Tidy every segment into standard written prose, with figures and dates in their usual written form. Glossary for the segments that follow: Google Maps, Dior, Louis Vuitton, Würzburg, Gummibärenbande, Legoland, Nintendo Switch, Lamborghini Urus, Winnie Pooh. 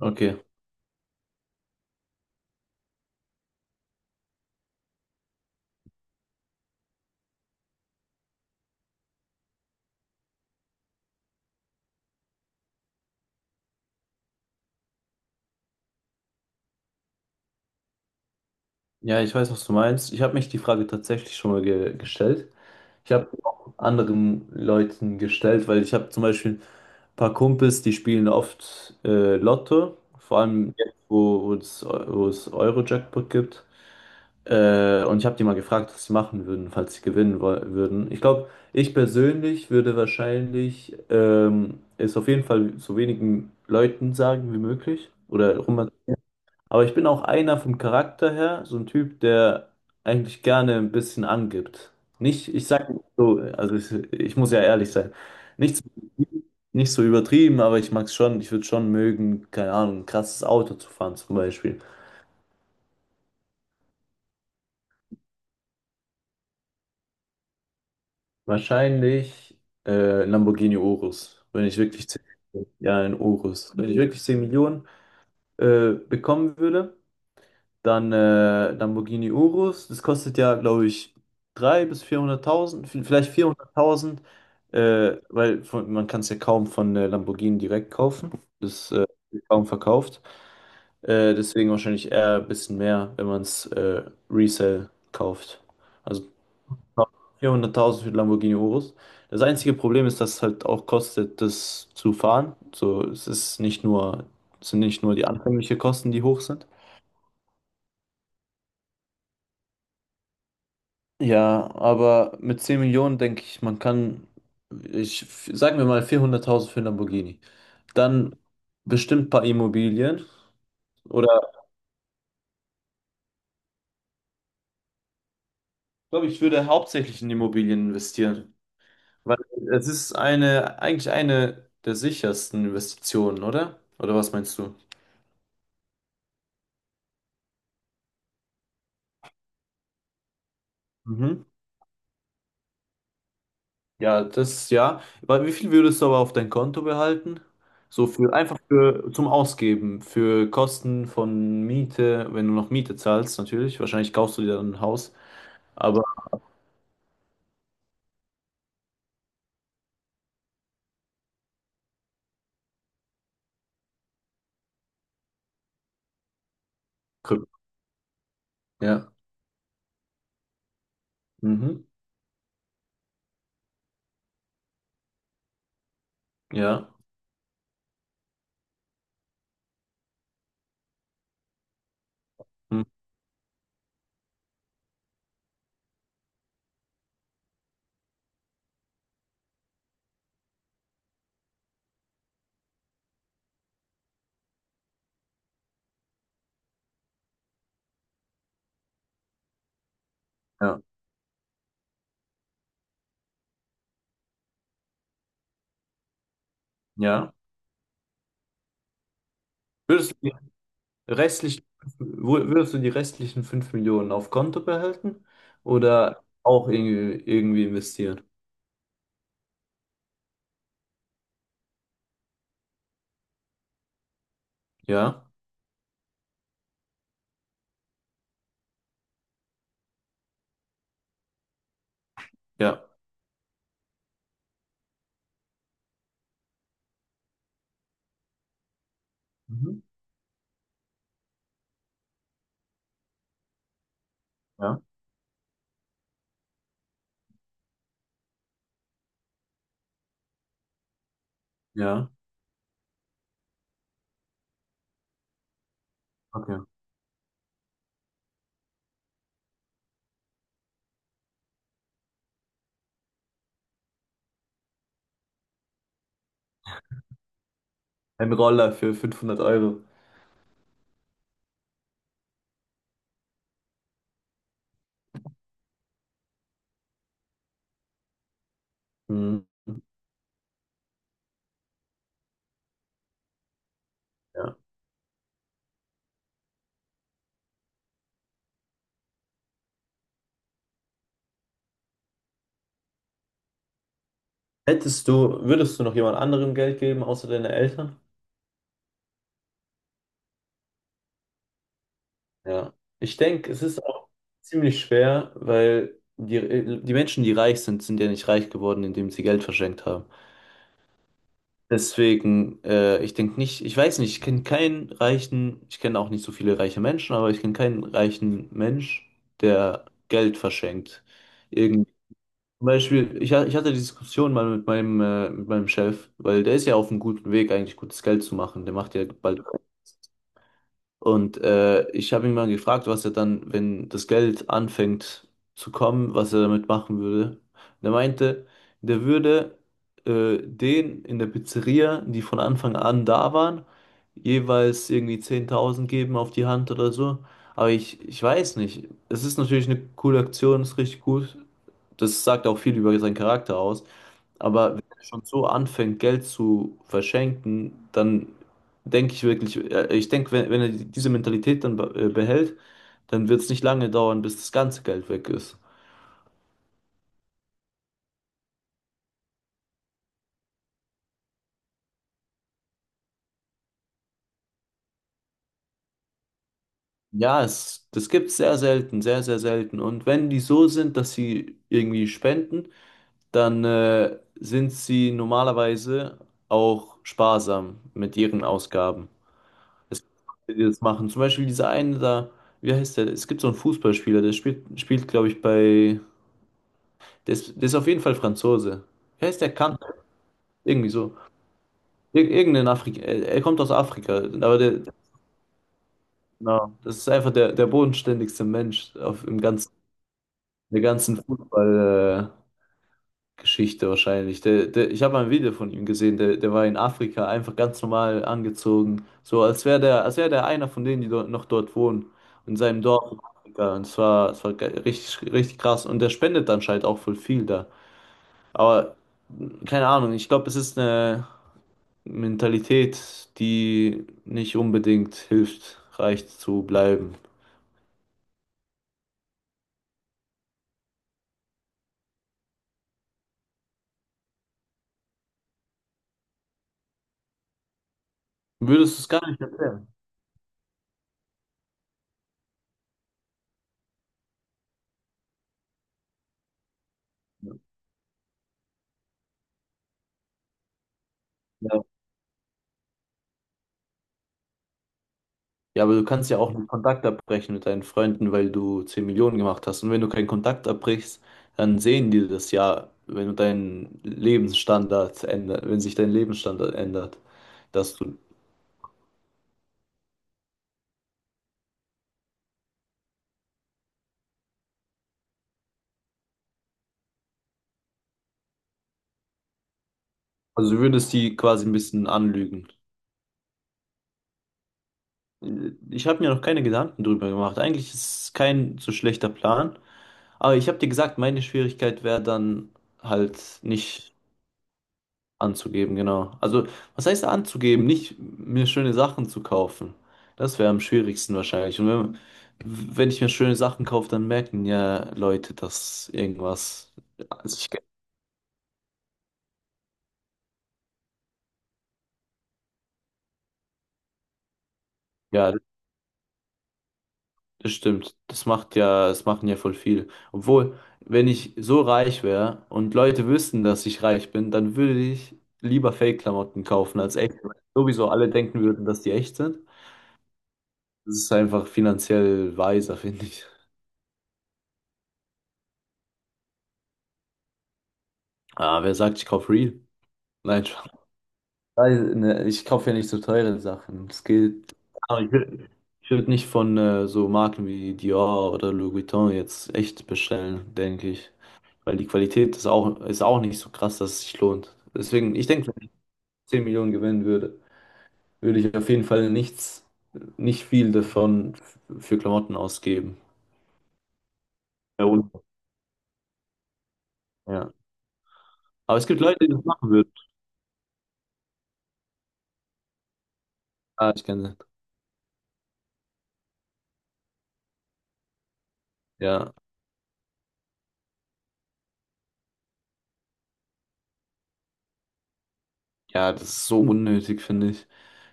Okay, ja, ich weiß, was du meinst. Ich habe mich die Frage tatsächlich schon mal ge gestellt. Ich habe auch anderen Leuten gestellt, weil ich habe zum Beispiel ein paar Kumpels, die spielen oft Lotto, vor allem jetzt, wo es Euro-Jackpot gibt. Und ich habe die mal gefragt, was sie machen würden, falls sie gewinnen würden. Ich glaube, ich persönlich würde wahrscheinlich es auf jeden Fall so wenigen Leuten sagen wie möglich oder rum. Aber ich bin auch einer vom Charakter her, so ein Typ, der eigentlich gerne ein bisschen angibt. Nicht, ich sag nicht so, also ich muss ja ehrlich sein. Nicht so, nicht so übertrieben, aber ich mag's schon, ich würde schon mögen, keine Ahnung, ein krasses Auto zu fahren zum Beispiel. Wahrscheinlich Lamborghini Urus, wenn ich wirklich 10, ja, ein Urus. Wenn ich wirklich 10 Millionen bekommen würde. Dann Lamborghini Urus, das kostet ja, glaube ich, 300.000 bis 400.000, vielleicht 400.000, weil von, man kann es ja kaum von Lamborghini direkt kaufen. Das wird kaum verkauft. Deswegen wahrscheinlich eher ein bisschen mehr, wenn man es Resell kauft. Also 400.000 für den Lamborghini Urus. Das einzige Problem ist, dass es halt auch kostet, das zu fahren. So, es sind nicht nur die anfänglichen Kosten, die hoch sind. Ja, aber mit 10 Millionen denke ich, man kann, sagen wir mal 400.000 für einen Lamborghini. Dann bestimmt ein paar Immobilien, oder ich glaube, ich würde hauptsächlich in Immobilien investieren, weil es ist eine eigentlich eine der sichersten Investitionen, oder? Oder was meinst du? Mhm. Ja, das ja. Weil wie viel würdest du aber auf dein Konto behalten? So für einfach für zum Ausgeben, für Kosten von Miete, wenn du noch Miete zahlst, natürlich. Wahrscheinlich kaufst du dir dann ein Haus. Aber Krypto, ja. Mhm. Ja. Mhm. Ja. Ja. Würdest du die restlichen, Würdest du die restlichen 5 Millionen auf Konto behalten oder auch irgendwie investieren? Ja. Ja. Mhm. Ja. Ja. Okay. Ein Roller für 500 Euro. Mhm. Ja. Würdest du noch jemand anderem Geld geben, außer deine Eltern? Ja. Ich denke, es ist auch ziemlich schwer, weil die Menschen, die reich sind, sind ja nicht reich geworden, indem sie Geld verschenkt haben. Deswegen, ich denke nicht, ich weiß nicht, ich kenne keinen reichen, ich kenne auch nicht so viele reiche Menschen, aber ich kenne keinen reichen Mensch, der Geld verschenkt. Irgend, Zum Beispiel, ich hatte die Diskussion mal mit meinem Chef, weil der ist ja auf einem guten Weg, eigentlich gutes Geld zu machen. Der macht ja bald, und ich habe ihn mal gefragt, was er dann, wenn das Geld anfängt zu kommen, was er damit machen würde. Und er meinte, der würde den in der Pizzeria, die von Anfang an da waren, jeweils irgendwie 10.000 geben auf die Hand oder so. Aber ich weiß nicht. Es ist natürlich eine coole Aktion, ist richtig gut. Das sagt auch viel über seinen Charakter aus. Aber wenn er schon so anfängt, Geld zu verschenken, dann denke ich wirklich, ich denke, wenn er diese Mentalität dann behält, dann wird es nicht lange dauern, bis das ganze Geld weg ist. Ja, das gibt es sehr selten, sehr, sehr selten. Und wenn die so sind, dass sie irgendwie spenden, dann sind sie normalerweise auch sparsam mit ihren Ausgaben. Es gibt Leute, die das machen. Zum Beispiel dieser eine da, wie heißt der? Es gibt so einen Fußballspieler, der spielt glaube ich, bei. Der ist auf jeden Fall Franzose. Wie heißt der Kant? Irgendwie so. Ir Irgendein Afrika. Er kommt aus Afrika. Aber der, genau, das ist einfach der bodenständigste Mensch auf, im ganzen, der ganzen Fußball, Geschichte wahrscheinlich. Ich habe ein Video von ihm gesehen, der war in Afrika einfach ganz normal angezogen. So als wäre der einer von denen, die dort, noch dort wohnen. In seinem Dorf in Afrika. Und es war richtig, richtig krass. Und der spendet anscheinend auch voll viel da. Aber keine Ahnung, ich glaube, es ist eine Mentalität, die nicht unbedingt hilft, reich zu bleiben. Würdest du es gar nicht erklären. Ja. Ja, aber du kannst ja auch einen Kontakt abbrechen mit deinen Freunden, weil du 10 Millionen gemacht hast. Und wenn du keinen Kontakt abbrichst, dann sehen die das ja, wenn du deinen Lebensstandard ändert, wenn sich dein Lebensstandard ändert, dass du, also du würdest die quasi ein bisschen anlügen. Ich habe mir noch keine Gedanken drüber gemacht. Eigentlich ist es kein so schlechter Plan. Aber ich habe dir gesagt, meine Schwierigkeit wäre dann halt nicht anzugeben, genau. Also, was heißt anzugeben? Nicht mir schöne Sachen zu kaufen. Das wäre am schwierigsten wahrscheinlich. Und wenn ich mir schöne Sachen kaufe, dann merken ja Leute, dass irgendwas. Also, ja, das stimmt. Das machen ja voll viel. Obwohl, wenn ich so reich wäre und Leute wüssten, dass ich reich bin, dann würde ich lieber Fake-Klamotten kaufen als echt. Sowieso alle denken würden, dass die echt sind. Das ist einfach finanziell weiser, finde ich. Ah, wer sagt, ich kaufe Real? Nein, Spaß. Nein, ne, ich kaufe ja nicht so teure Sachen. Es geht. Aber ich würd nicht von so Marken wie Dior oder Louis Vuitton jetzt echt bestellen, denke ich. Weil die Qualität ist auch nicht so krass, dass es sich lohnt. Deswegen, ich denke, wenn ich 10 Millionen gewinnen würde, würde ich auf jeden Fall nichts, nicht viel davon für Klamotten ausgeben. Ja, und? Ja. Aber es gibt Leute, die das machen würden. Ah, ich kenne sie. Ja. Ja, das ist so unnötig, finde ich.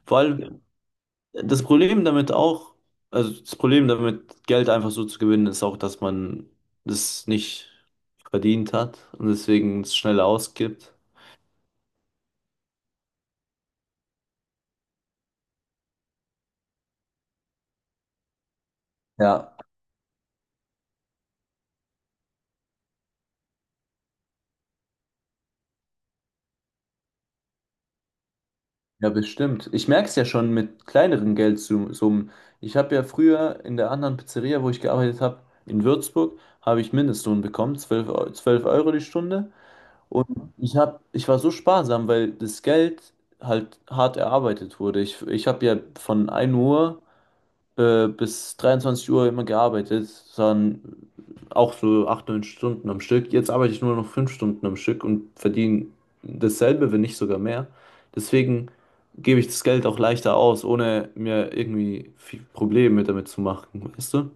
Vor allem das Problem damit auch, also das Problem damit, Geld einfach so zu gewinnen, ist auch, dass man das nicht verdient hat und deswegen es schneller ausgibt. Ja, ja, bestimmt. Ich merke es ja schon mit kleineren Geldsummen. Ich habe ja früher in der anderen Pizzeria, wo ich gearbeitet habe, in Würzburg, habe ich Mindestlohn bekommen, 12 Euro die Stunde. Und ich war so sparsam, weil das Geld halt hart erarbeitet wurde. Ich habe ja von 1 Uhr bis 23 Uhr immer gearbeitet, dann auch so 8 9 Stunden am Stück. Jetzt arbeite ich nur noch 5 Stunden am Stück und verdiene dasselbe, wenn nicht sogar mehr. Deswegen gebe ich das Geld auch leichter aus, ohne mir irgendwie viel Probleme damit zu machen, weißt du?